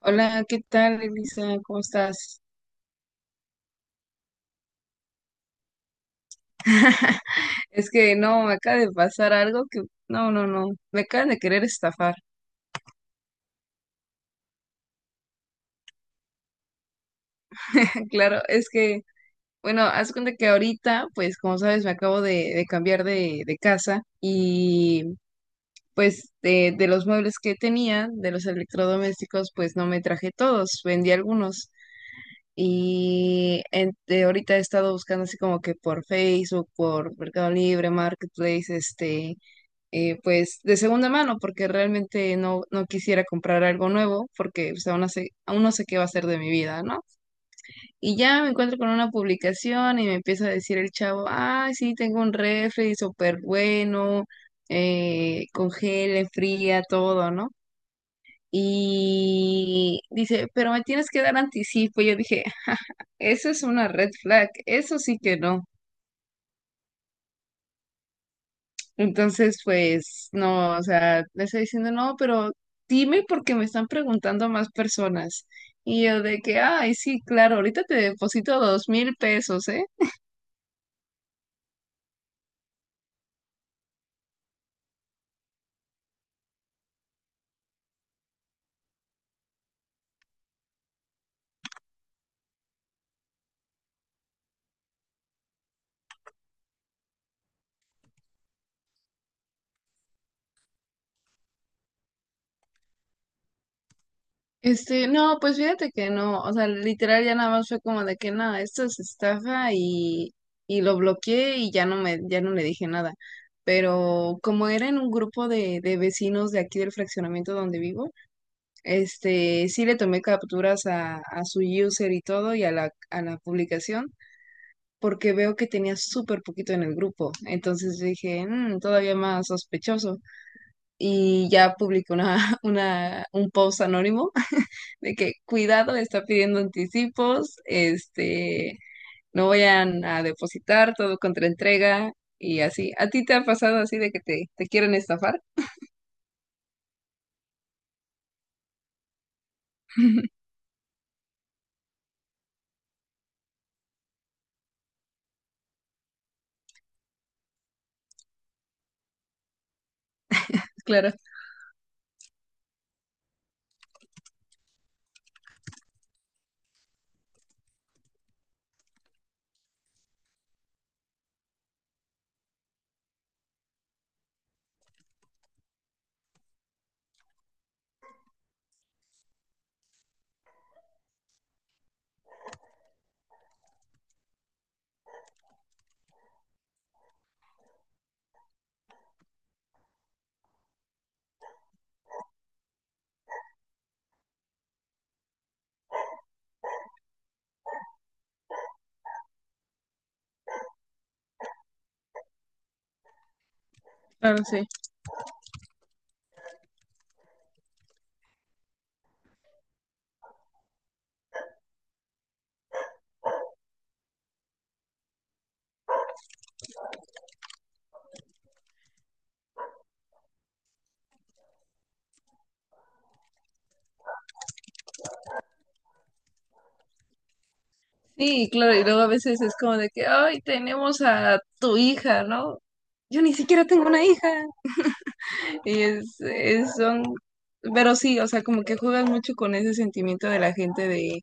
Hola, ¿qué tal, Elisa? ¿Cómo estás? Es que no, me acaba de pasar algo que, no, no, no, me acaban de querer estafar. Claro, es que, bueno, haz cuenta que ahorita, pues como sabes, me acabo de cambiar de casa y pues de los muebles que tenía, de los electrodomésticos, pues no me traje todos, vendí algunos. Y de ahorita he estado buscando así como que por Facebook, por Mercado Libre, Marketplace, este, pues de segunda mano, porque realmente no quisiera comprar algo nuevo, porque pues, aún no sé qué va a ser de mi vida, ¿no? Y ya me encuentro con una publicación y me empieza a decir el chavo, ah, sí, tengo un refri súper bueno, congela, fría, todo, ¿no? Y dice, pero me tienes que dar anticipo. Y yo dije, eso es una red flag, eso sí que no. Entonces, pues, no, o sea, le estoy diciendo, no, pero dime porque me están preguntando más personas. Y yo de que, ay, sí, claro, ahorita te deposito 2,000 pesos, ¿eh? Este, no, pues fíjate que no, o sea, literal ya nada más fue como de que nada, esto es estafa y, lo bloqueé y ya no le dije nada. Pero como era en un grupo de vecinos de aquí del fraccionamiento donde vivo. Este, sí le tomé capturas a su user y todo y a la publicación porque veo que tenía súper poquito en el grupo. Entonces dije, "Mm, todavía más sospechoso." Y ya publiqué una, un post anónimo. De que cuidado, está pidiendo anticipos, este, no vayan a depositar todo contra entrega y así. ¿A ti te ha pasado así de que te quieren estafar? Claro. Claro, sí. Sí, claro, y luego a veces es como de que, ay, tenemos a tu hija, ¿no? Yo ni siquiera tengo una hija. Y son, pero sí, o sea, como que juegas mucho con ese sentimiento de la gente de,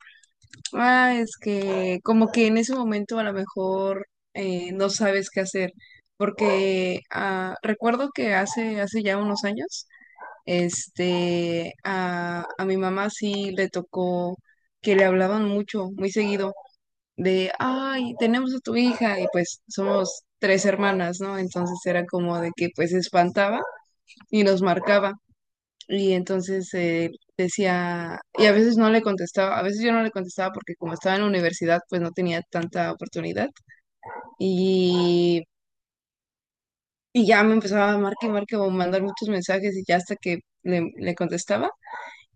ah, es que como que en ese momento a lo mejor no sabes qué hacer, porque ah, recuerdo que hace ya unos años, este, a mi mamá sí le tocó que le hablaban mucho, muy seguido de, ay, tenemos a tu hija y pues somos tres hermanas, ¿no? Entonces era como de que pues se espantaba y nos marcaba y entonces decía, y a veces no le contestaba, a veces yo no le contestaba porque como estaba en la universidad pues no tenía tanta oportunidad y, ya me empezaba a marcar y marcar o mandar muchos mensajes y ya hasta que le contestaba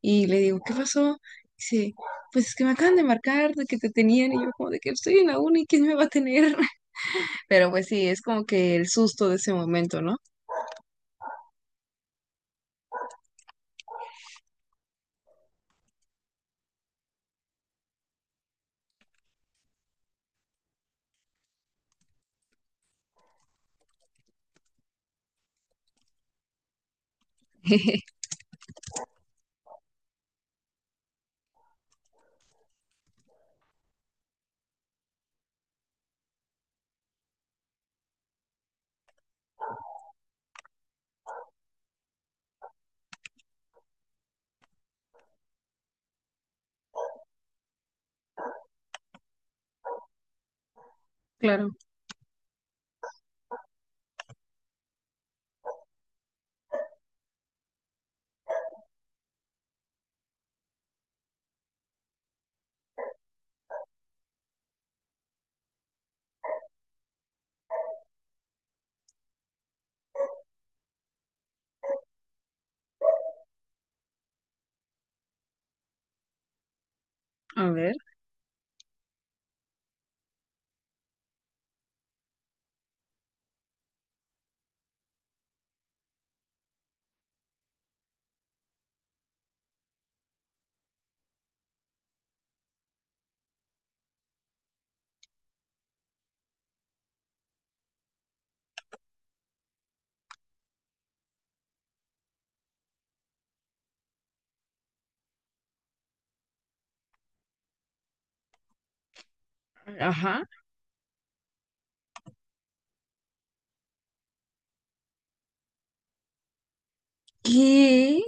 y le digo, ¿qué pasó? Dice, pues es que me acaban de marcar de que te tenían y yo como de que estoy en la uni, ¿quién me va a tener? Pero pues sí, es como que el susto de ese momento, ¿no? Claro, a ver, ajá. ¿Qué?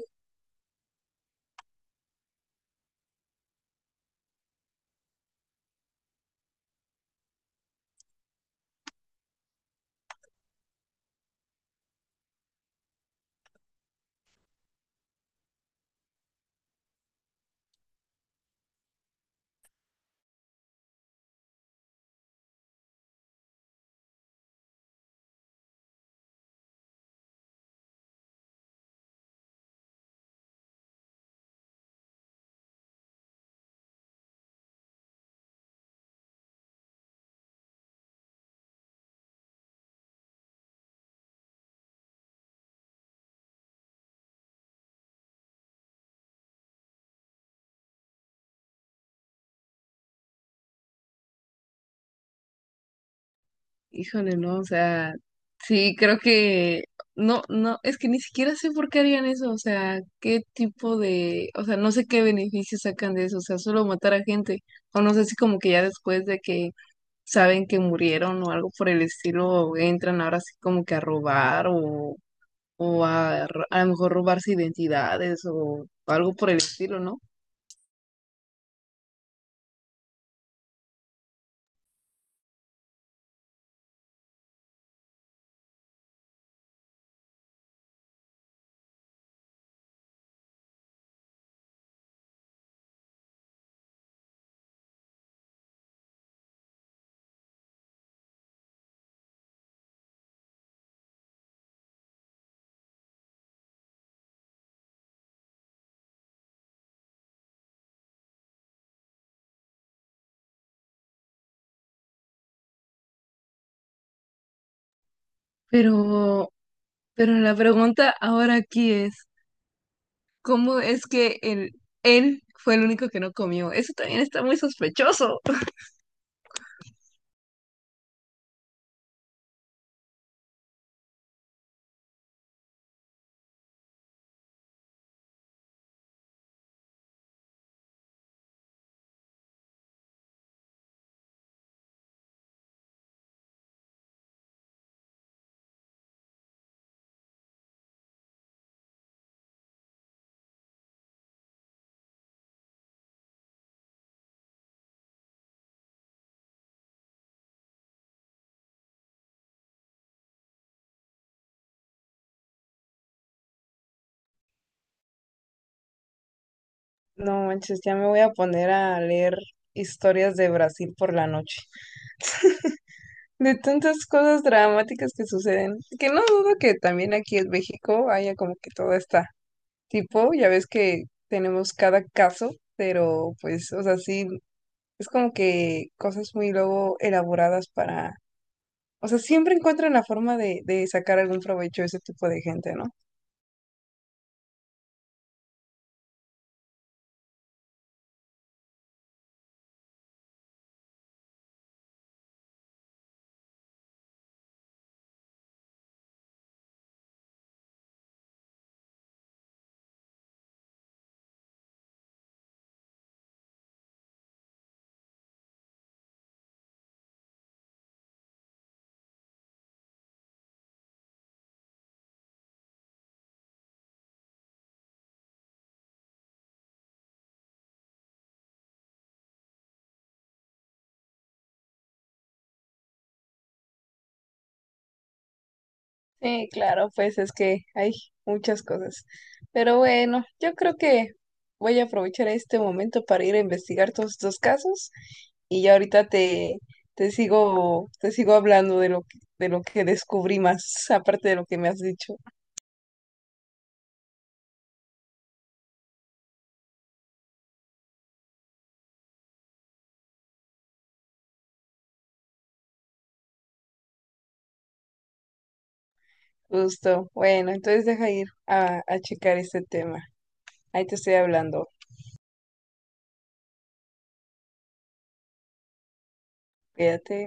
Híjole, no, o sea, sí, creo que no, no, es que ni siquiera sé por qué harían eso, o sea, qué tipo de, o sea, no sé qué beneficios sacan de eso, o sea, solo matar a gente, o no sé si como que ya después de que saben que murieron o algo por el estilo, entran ahora sí como que a robar o a lo mejor robarse identidades o algo por el estilo, ¿no? Pero, pero la pregunta ahora aquí es, ¿cómo es que él fue el único que no comió? Eso también está muy sospechoso. No manches, ya me voy a poner a leer historias de Brasil por la noche. De tantas cosas dramáticas que suceden. Que no dudo que también aquí en México haya como que todo está tipo, ya ves que tenemos cada caso, pero pues, o sea, sí, es como que cosas muy luego elaboradas para. O sea, siempre encuentran la forma de sacar algún provecho a ese tipo de gente, ¿no? Sí, claro, pues es que hay muchas cosas. Pero bueno, yo creo que voy a aprovechar este momento para ir a investigar todos estos casos y ya ahorita te, te sigo hablando de lo que descubrí más, aparte de lo que me has dicho. Justo. Bueno, entonces deja ir a checar este tema. Ahí te estoy hablando. Cuídate.